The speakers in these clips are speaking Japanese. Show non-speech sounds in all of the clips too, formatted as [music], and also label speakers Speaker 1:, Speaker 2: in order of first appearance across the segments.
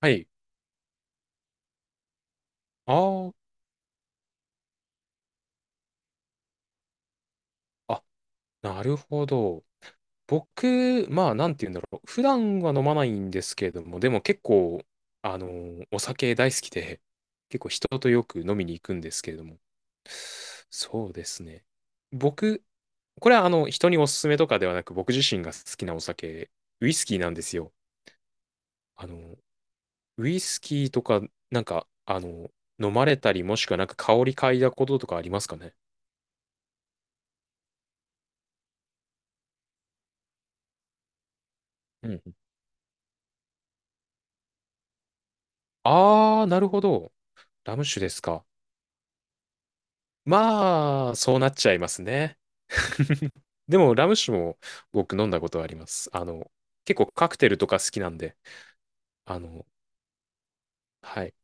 Speaker 1: はい。あーあ、なるほど。僕、まあ、なんて言うんだろう。普段は飲まないんですけれども、でも結構、お酒大好きで、結構人とよく飲みに行くんですけれども。そうですね。僕、これは人におすすめとかではなく、僕自身が好きなお酒、ウイスキーなんですよ。あの、ウイスキーとか、なんか、あの、飲まれたり、もしくはなんか香り嗅いだこととかありますかね？うん。ああ、なるほど。ラム酒ですか？まあ、そうなっちゃいますね。でも、ラム酒も僕飲んだことあります。結構カクテルとか好きなんで、あの、はい。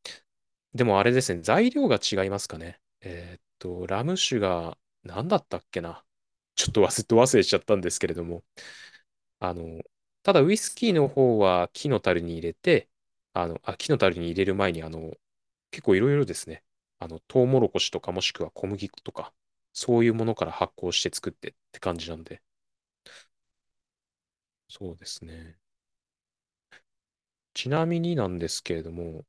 Speaker 1: でもあれですね、材料が違いますかね。ラム酒が何だったっけな。ちょっと忘れ、ど忘れしちゃったんですけれども、あの、ただウイスキーの方は木の樽に入れて、木の樽に入れる前に、結構いろいろですね、トウモロコシとかもしくは小麦粉とか、そういうものから発酵して作ってって感じなんで、そうですね。ちなみになんですけれども、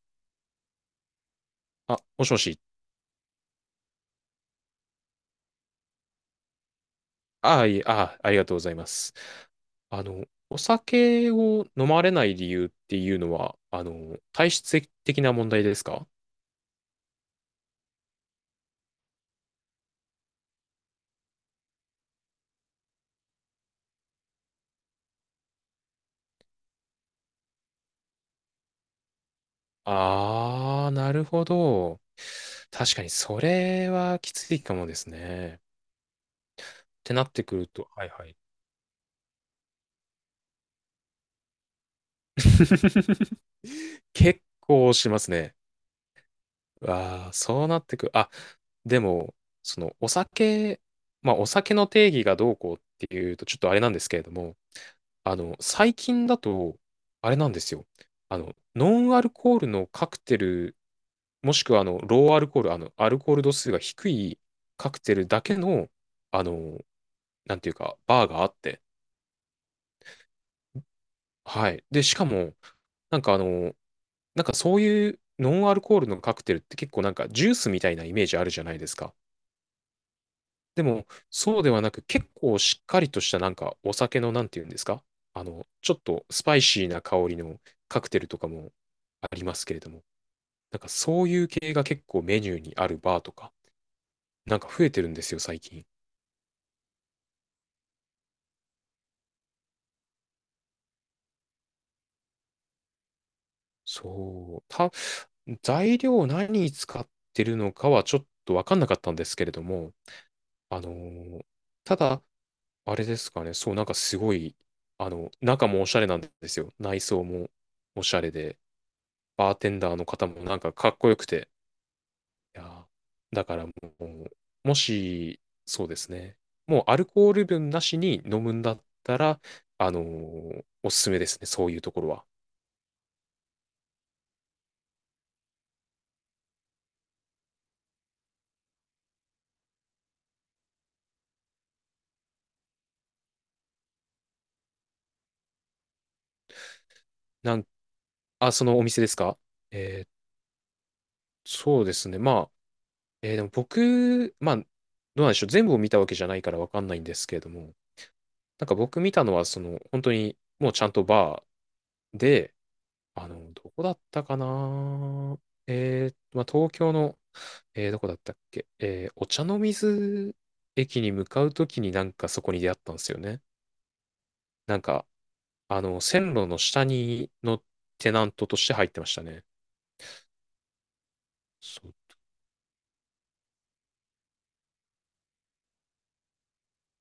Speaker 1: あ、もしもし。あ、いえ、あ、ありがとうございます。お酒を飲まれない理由っていうのは、体質的な問題ですか？ああー、なるほど。確かに、それはきついかもですね。ってなってくると、はいはい。[laughs] 結構しますね。ああ、そうなってく。あ、でも、その、お酒、まあ、お酒の定義がどうこうっていうと、ちょっとあれなんですけれども、最近だと、あれなんですよ。ノンアルコールのカクテル、もしくは、ローアルコール、アルコール度数が低いカクテルだけの、あの、なんていうか、バーがあって、はい。で、しかも、なんかあの、なんかそういうノンアルコールのカクテルって結構なんかジュースみたいなイメージあるじゃないですか。でも、そうではなく、結構しっかりとしたなんかお酒のなんて言うんですか？ちょっとスパイシーな香りのカクテルとかもありますけれども、なんかそういう系が結構メニューにあるバーとか、なんか増えてるんですよ、最近。そう。た、材料何使ってるのかはちょっとわかんなかったんですけれども、あのーただ、あれですかね、そう、なんかすごい、中もおしゃれなんですよ。内装もおしゃれで。バーテンダーの方もなんかかっこよくて、いやーだからもう、もし、そうですね、もうアルコール分なしに飲むんだったら、おすすめですね、そういうところは。なん、あ、そのお店ですか？えーそうですね。まあ、えーでも僕、まあ、どうなんでしょう。全部を見たわけじゃないからわかんないんですけれども、なんか僕見たのは、その、本当に、もうちゃんとバーで、どこだったかな。えー、まあ、東京の、えー、どこだったっけ。えー、お茶の水駅に向かうときになんかそこに出会ったんですよね。なんか、線路の下に、のテナントとして入ってましたね。そう。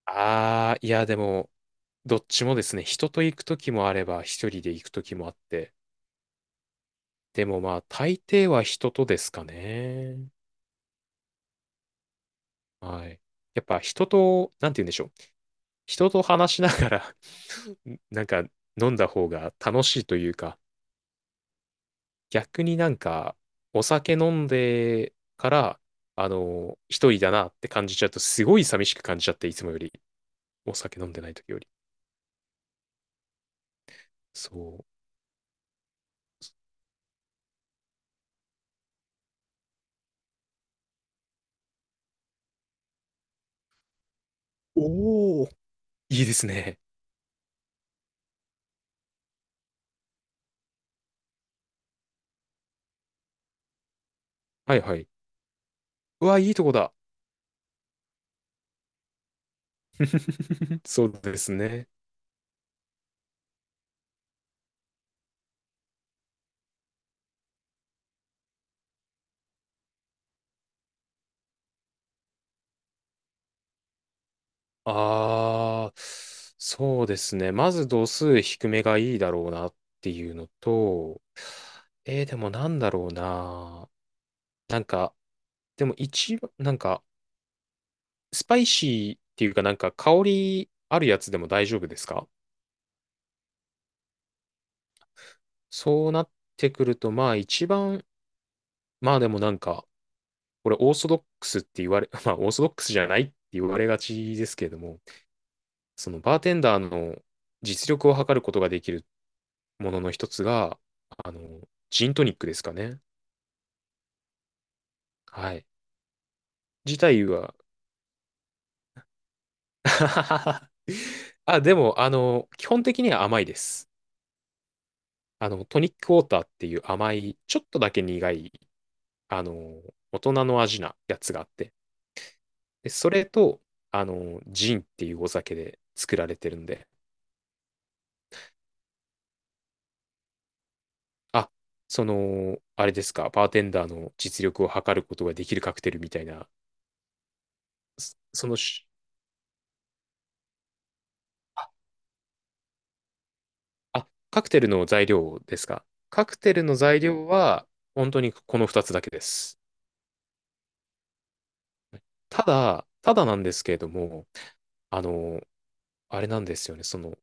Speaker 1: あー、いや、でも、どっちもですね、人と行くときもあれば、一人で行くときもあって、でもまあ、大抵は人とですかね。はい。やっぱ人と、なんて言うんでしょう。人と話しながら [laughs] なんか飲んだ方が楽しいというか、逆になんかお酒飲んでから、一人だなって感じちゃうと、すごい寂しく感じちゃって、いつもより。お酒飲んでない時より。そう。おお、いいですね。はいはい。うわ、いいとこだ。[laughs] そうですね。ああ、そうですね。まず度数低めがいいだろうなっていうのと、えー、でもなんだろうな。なんか、でも一番、なんか、スパイシーっていうかなんか香りあるやつでも大丈夫ですか？そうなってくると、まあ一番、まあでもなんか、これオーソドックスって言われ、[laughs] まあオーソドックスじゃないって言われがちですけれども、そのバーテンダーの実力を測ることができるものの一つが、ジントニックですかね。はい。自体は [laughs] あ、でも、基本的には甘いです。トニックウォーターっていう甘い、ちょっとだけ苦い、あの、大人の味なやつがあって、で、それと、ジンっていうお酒で作られてるんで、あ、その、あれですか、バーテンダーの実力を測ることができるカクテルみたいな、そそのあ、カクテルの材料ですか？カクテルの材料は、本当にこの2つだけです。ただなんですけれども、あの、あれなんですよね。その、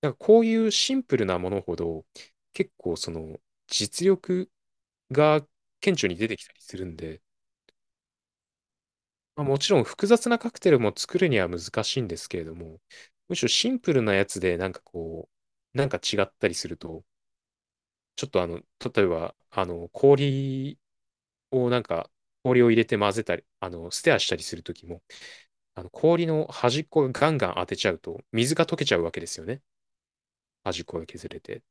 Speaker 1: なんかこういうシンプルなものほど、結構その、実力が顕著に出てきたりするんで、まあ、もちろん複雑なカクテルも作るには難しいんですけれども、むしろシンプルなやつでなんかこう、なんか違ったりすると、ちょっとあの、例えば、氷をなんか氷を入れて混ぜたり、ステアしたりするときも、あの氷の端っこがガンガン当てちゃうと、水が溶けちゃうわけですよね。端っこが削れて。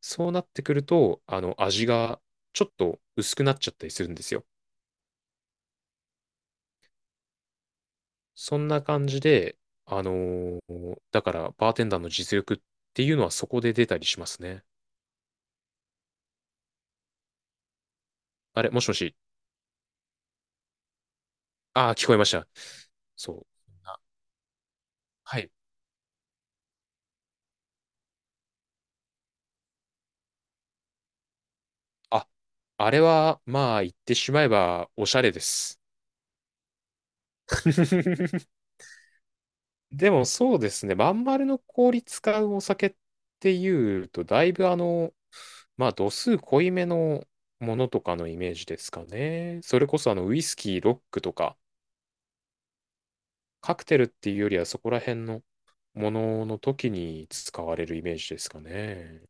Speaker 1: そうなってくると、味がちょっと薄くなっちゃったりするんですよ。そんな感じで、だからバーテンダーの実力っていうのはそこで出たりしますね。あれ、もしもし。ああ、聞こえました。そう。あはい。あ、あれは、まあ、言ってしまえば、おしゃれです。[laughs] でもそうですね、まん丸の氷使うお酒っていうと、だいぶあの、まあ度数濃いめのものとかのイメージですかね。それこそあのウイスキー、ロックとか、カクテルっていうよりはそこら辺のものの時に使われるイメージですかね。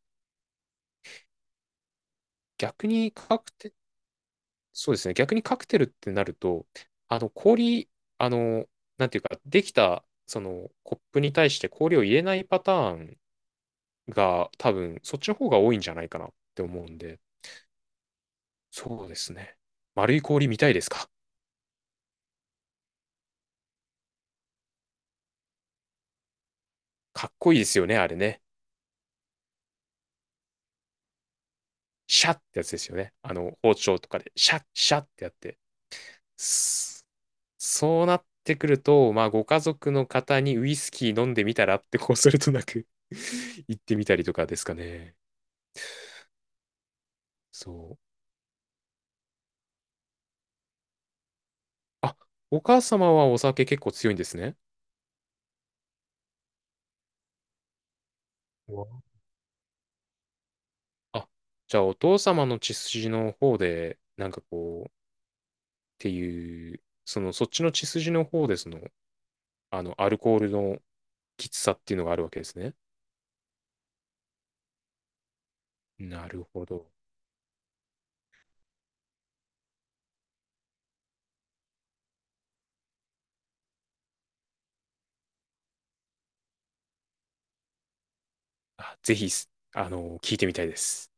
Speaker 1: 逆にカクテ、そうですね、逆にカクテルってなると、あの氷、あの、なんていうか、できたそのコップに対して氷を入れないパターンが多分そっちの方が多いんじゃないかなって思うんで、そうですね。丸い氷見たいですか？かっこいいですよね、あれね。シャッってやつですよね。包丁とかで、シャッ、シャッってやって。スそうなってくると、まあ、ご家族の方にウイスキー飲んでみたらって、こうするとなく [laughs] 行ってみたりとかですかね。そう。あ、お母様はお酒結構強いんですね。うわあ、じゃあお父様の血筋の方で、なんかこていう、その、そっちの血筋の方で、その、アルコールのきつさっていうのがあるわけですね。なるほど。あ、ぜひ、聞いてみたいです。